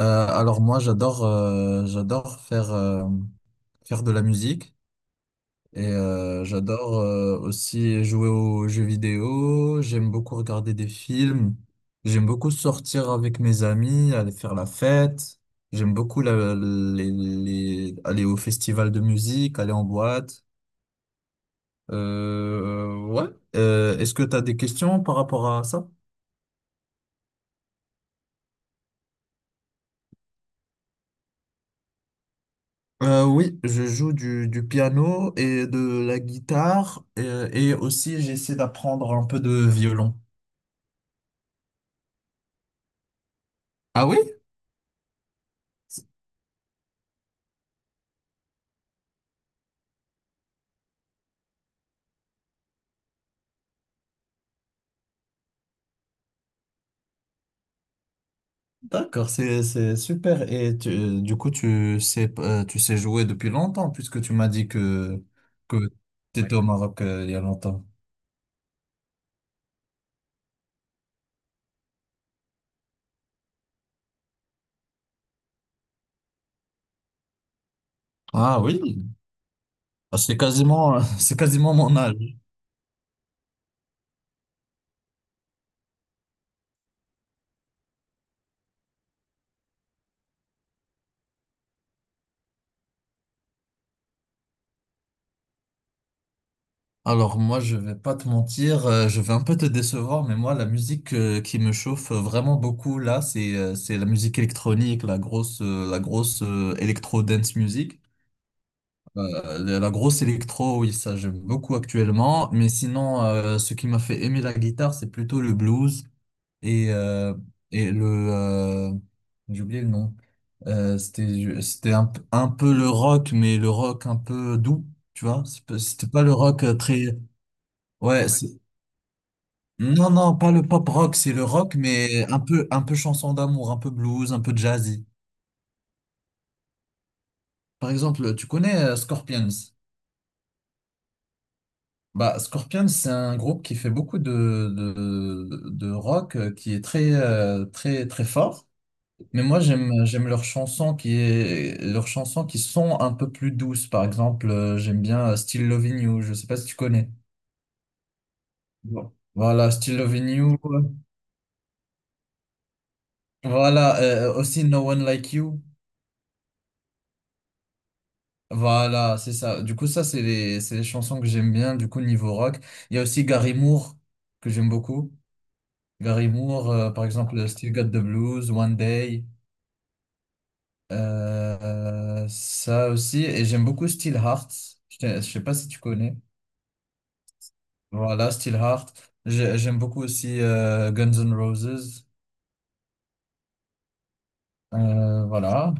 Alors moi j'adore faire de la musique et j'adore aussi jouer aux jeux vidéo, j'aime beaucoup regarder des films, j'aime beaucoup sortir avec mes amis, aller faire la fête, j'aime beaucoup aller au festival de musique, aller en boîte. Ouais. Est-ce que tu as des questions par rapport à ça? Oui, je joue du piano et de la guitare, et, aussi j'essaie d'apprendre un peu de violon. Ah oui? D'accord, c'est super. Et du coup, tu sais, jouer depuis longtemps puisque tu m'as dit que tu étais au Maroc il y a longtemps. Ah oui. Ah, c'est quasiment, c'est quasiment mon âge. Alors moi, je vais pas te mentir, je vais un peu te décevoir, mais moi, la musique, qui me chauffe vraiment beaucoup là, c'est la musique électronique, la grosse électro dance music. La grosse électro, oui, ça j'aime beaucoup actuellement. Mais sinon, ce qui m'a fait aimer la guitare, c'est plutôt le blues et le euh, j'ai oublié le nom. C'était un peu le rock, mais le rock un peu doux, tu vois. C'était pas le rock très. Ouais, non, non, pas le pop rock, c'est le rock, mais un peu chanson d'amour, un peu blues, un peu jazzy. Par exemple, tu connais Scorpions? Bah, Scorpions, c'est un groupe qui fait beaucoup de rock, qui est très, très, très fort. Mais moi, j'aime leurs chansons qui sont un peu plus douces. Par exemple, j'aime bien Still Loving You. Je sais pas si tu connais. Bon. Voilà, Still Loving You. Voilà, aussi No One Like You. Voilà, c'est ça. Du coup, ça, c'est les chansons que j'aime bien, du coup, niveau rock. Il y a aussi Gary Moore, que j'aime beaucoup. Gary Moore, par exemple, Still Got the Blues, One Day, ça aussi. Et j'aime beaucoup Steelheart. Je sais pas si tu connais. Voilà, Steelheart. J'aime beaucoup aussi Guns N' Roses. Voilà.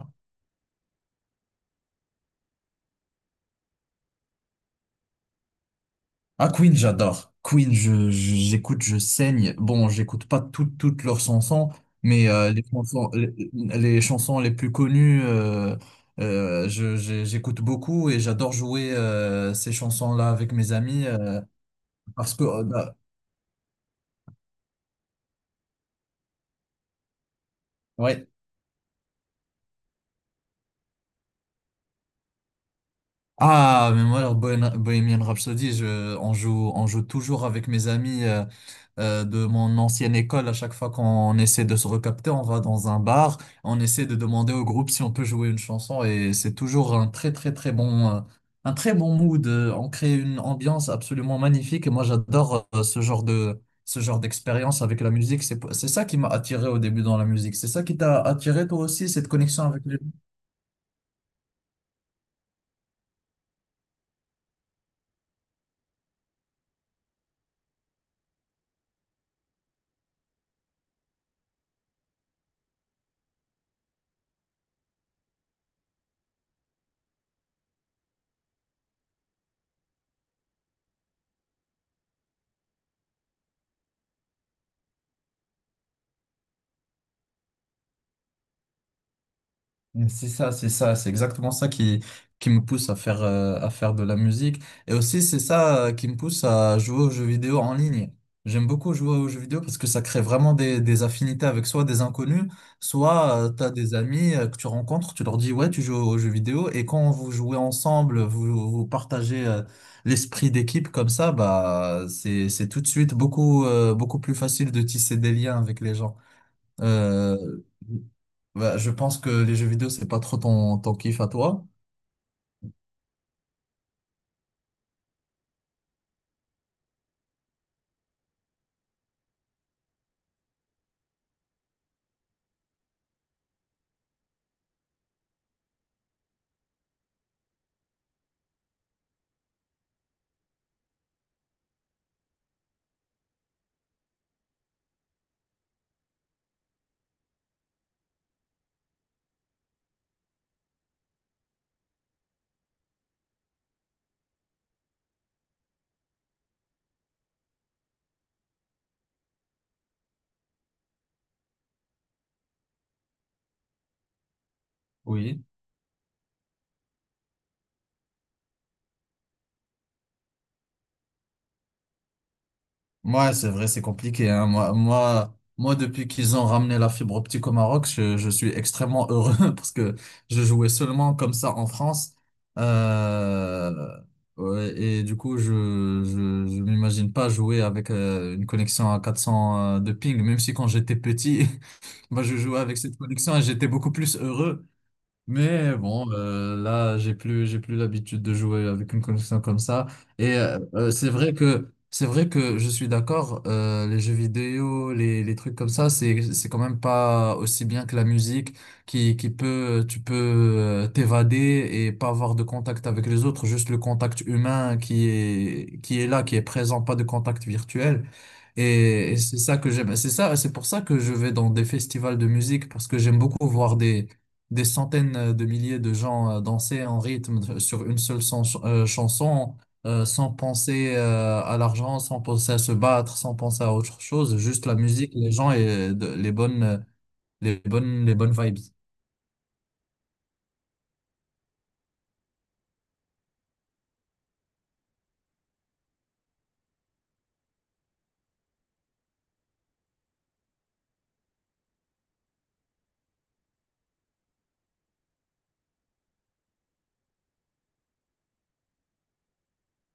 Ah, Queen, j'adore. Queen, j'écoute, je saigne. Bon, j'écoute pas toutes leurs chansons, mais les chansons les plus connues, j'écoute beaucoup et j'adore jouer ces chansons-là avec mes amis, parce que ouais. Ah, mais moi, alors, Bohemian Rhapsody, on joue toujours avec mes amis, de mon ancienne école. À chaque fois qu'on essaie de se recapter, on va dans un bar, on essaie de demander au groupe si on peut jouer une chanson et c'est toujours un très très très un très bon mood. On crée une ambiance absolument magnifique et moi j'adore ce genre d'expérience avec la musique. C'est ça qui m'a attiré au début dans la musique. C'est ça qui t'a attiré toi aussi, cette connexion avec les. C'est ça, c'est ça, c'est exactement ça qui me pousse à faire de la musique. Et aussi, c'est ça, qui me pousse à jouer aux jeux vidéo en ligne. J'aime beaucoup jouer aux jeux vidéo parce que ça crée vraiment des affinités avec soit des inconnus, soit tu as des amis, que tu rencontres, tu leur dis, ouais, tu joues aux jeux vidéo. Et quand vous jouez ensemble, vous partagez l'esprit d'équipe. Comme ça, bah, c'est tout de suite beaucoup plus facile de tisser des liens avec les gens. Euh, Bah, je pense que les jeux vidéo, c'est pas trop ton kiff à toi. Oui. Moi, c'est vrai, c'est compliqué, hein. Moi, depuis qu'ils ont ramené la fibre optique au Maroc, je suis extrêmement heureux parce que je jouais seulement comme ça en France. Euh, ouais, et du coup, je, je m'imagine pas jouer avec une connexion à 400, de ping, même si quand j'étais petit, bah, je jouais avec cette connexion et j'étais beaucoup plus heureux. Mais bon, là, j'ai plus l'habitude de jouer avec une connexion comme ça. Et c'est vrai que je suis d'accord. Les jeux vidéo, les trucs comme ça, c'est quand même pas aussi bien que la musique, tu peux t'évader et pas avoir de contact avec les autres, juste le contact humain qui est là, qui est présent, pas de contact virtuel. Et c'est ça que j'aime. C'est ça, c'est pour ça que je vais dans des festivals de musique parce que j'aime beaucoup voir des centaines, de milliers de gens, danser en rythme, sur une seule chanson, sans penser, à l'argent, sans penser à se battre, sans penser à autre chose, juste la musique, les gens et les bonnes vibes.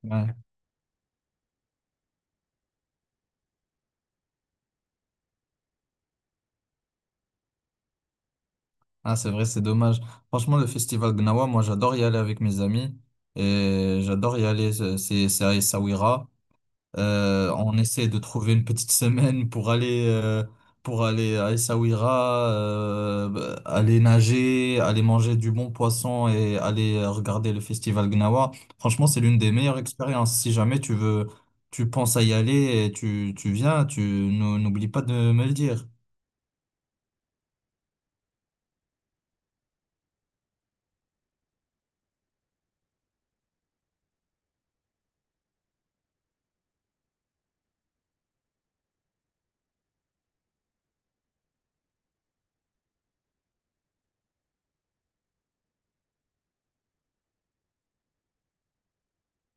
Ouais. Ah, c'est vrai, c'est dommage. Franchement, le festival Gnawa, moi, j'adore y aller avec mes amis et j'adore y aller. C'est à Essaouira. On essaie de trouver une petite semaine pour aller à Essaouira, bah, aller nager, aller manger du bon poisson et aller regarder le festival Gnawa. Franchement, c'est l'une des meilleures expériences. Si jamais tu veux, tu penses à y aller et tu viens, n'oublie pas de me le dire.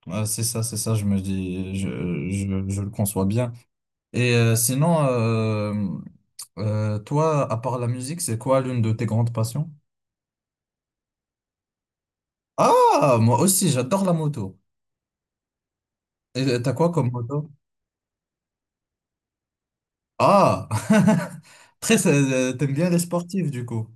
C'est ça, c'est ça, je me dis, je le conçois bien. Et sinon, toi, à part la musique, c'est quoi l'une de tes grandes passions? Ah, moi aussi, j'adore la moto. Et t'as quoi comme moto? Ah, très, t'aimes bien les sportifs du coup.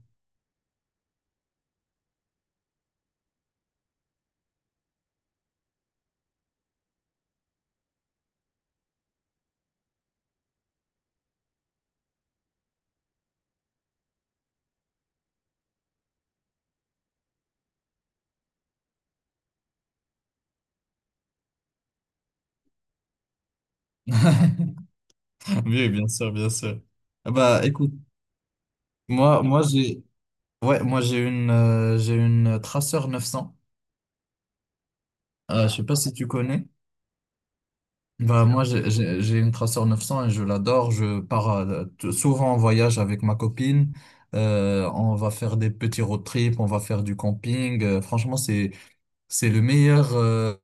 Oui, bien sûr, bien sûr. Ah, bah, écoute, moi, moi j'ai, ouais, moi j'ai une, Tracer 900. Je sais pas si tu connais. Bah, moi, j'ai une Tracer 900 et je l'adore. Je pars souvent en voyage avec ma copine. On va faire des petits road trips, on va faire du camping. Franchement, c'est le meilleur.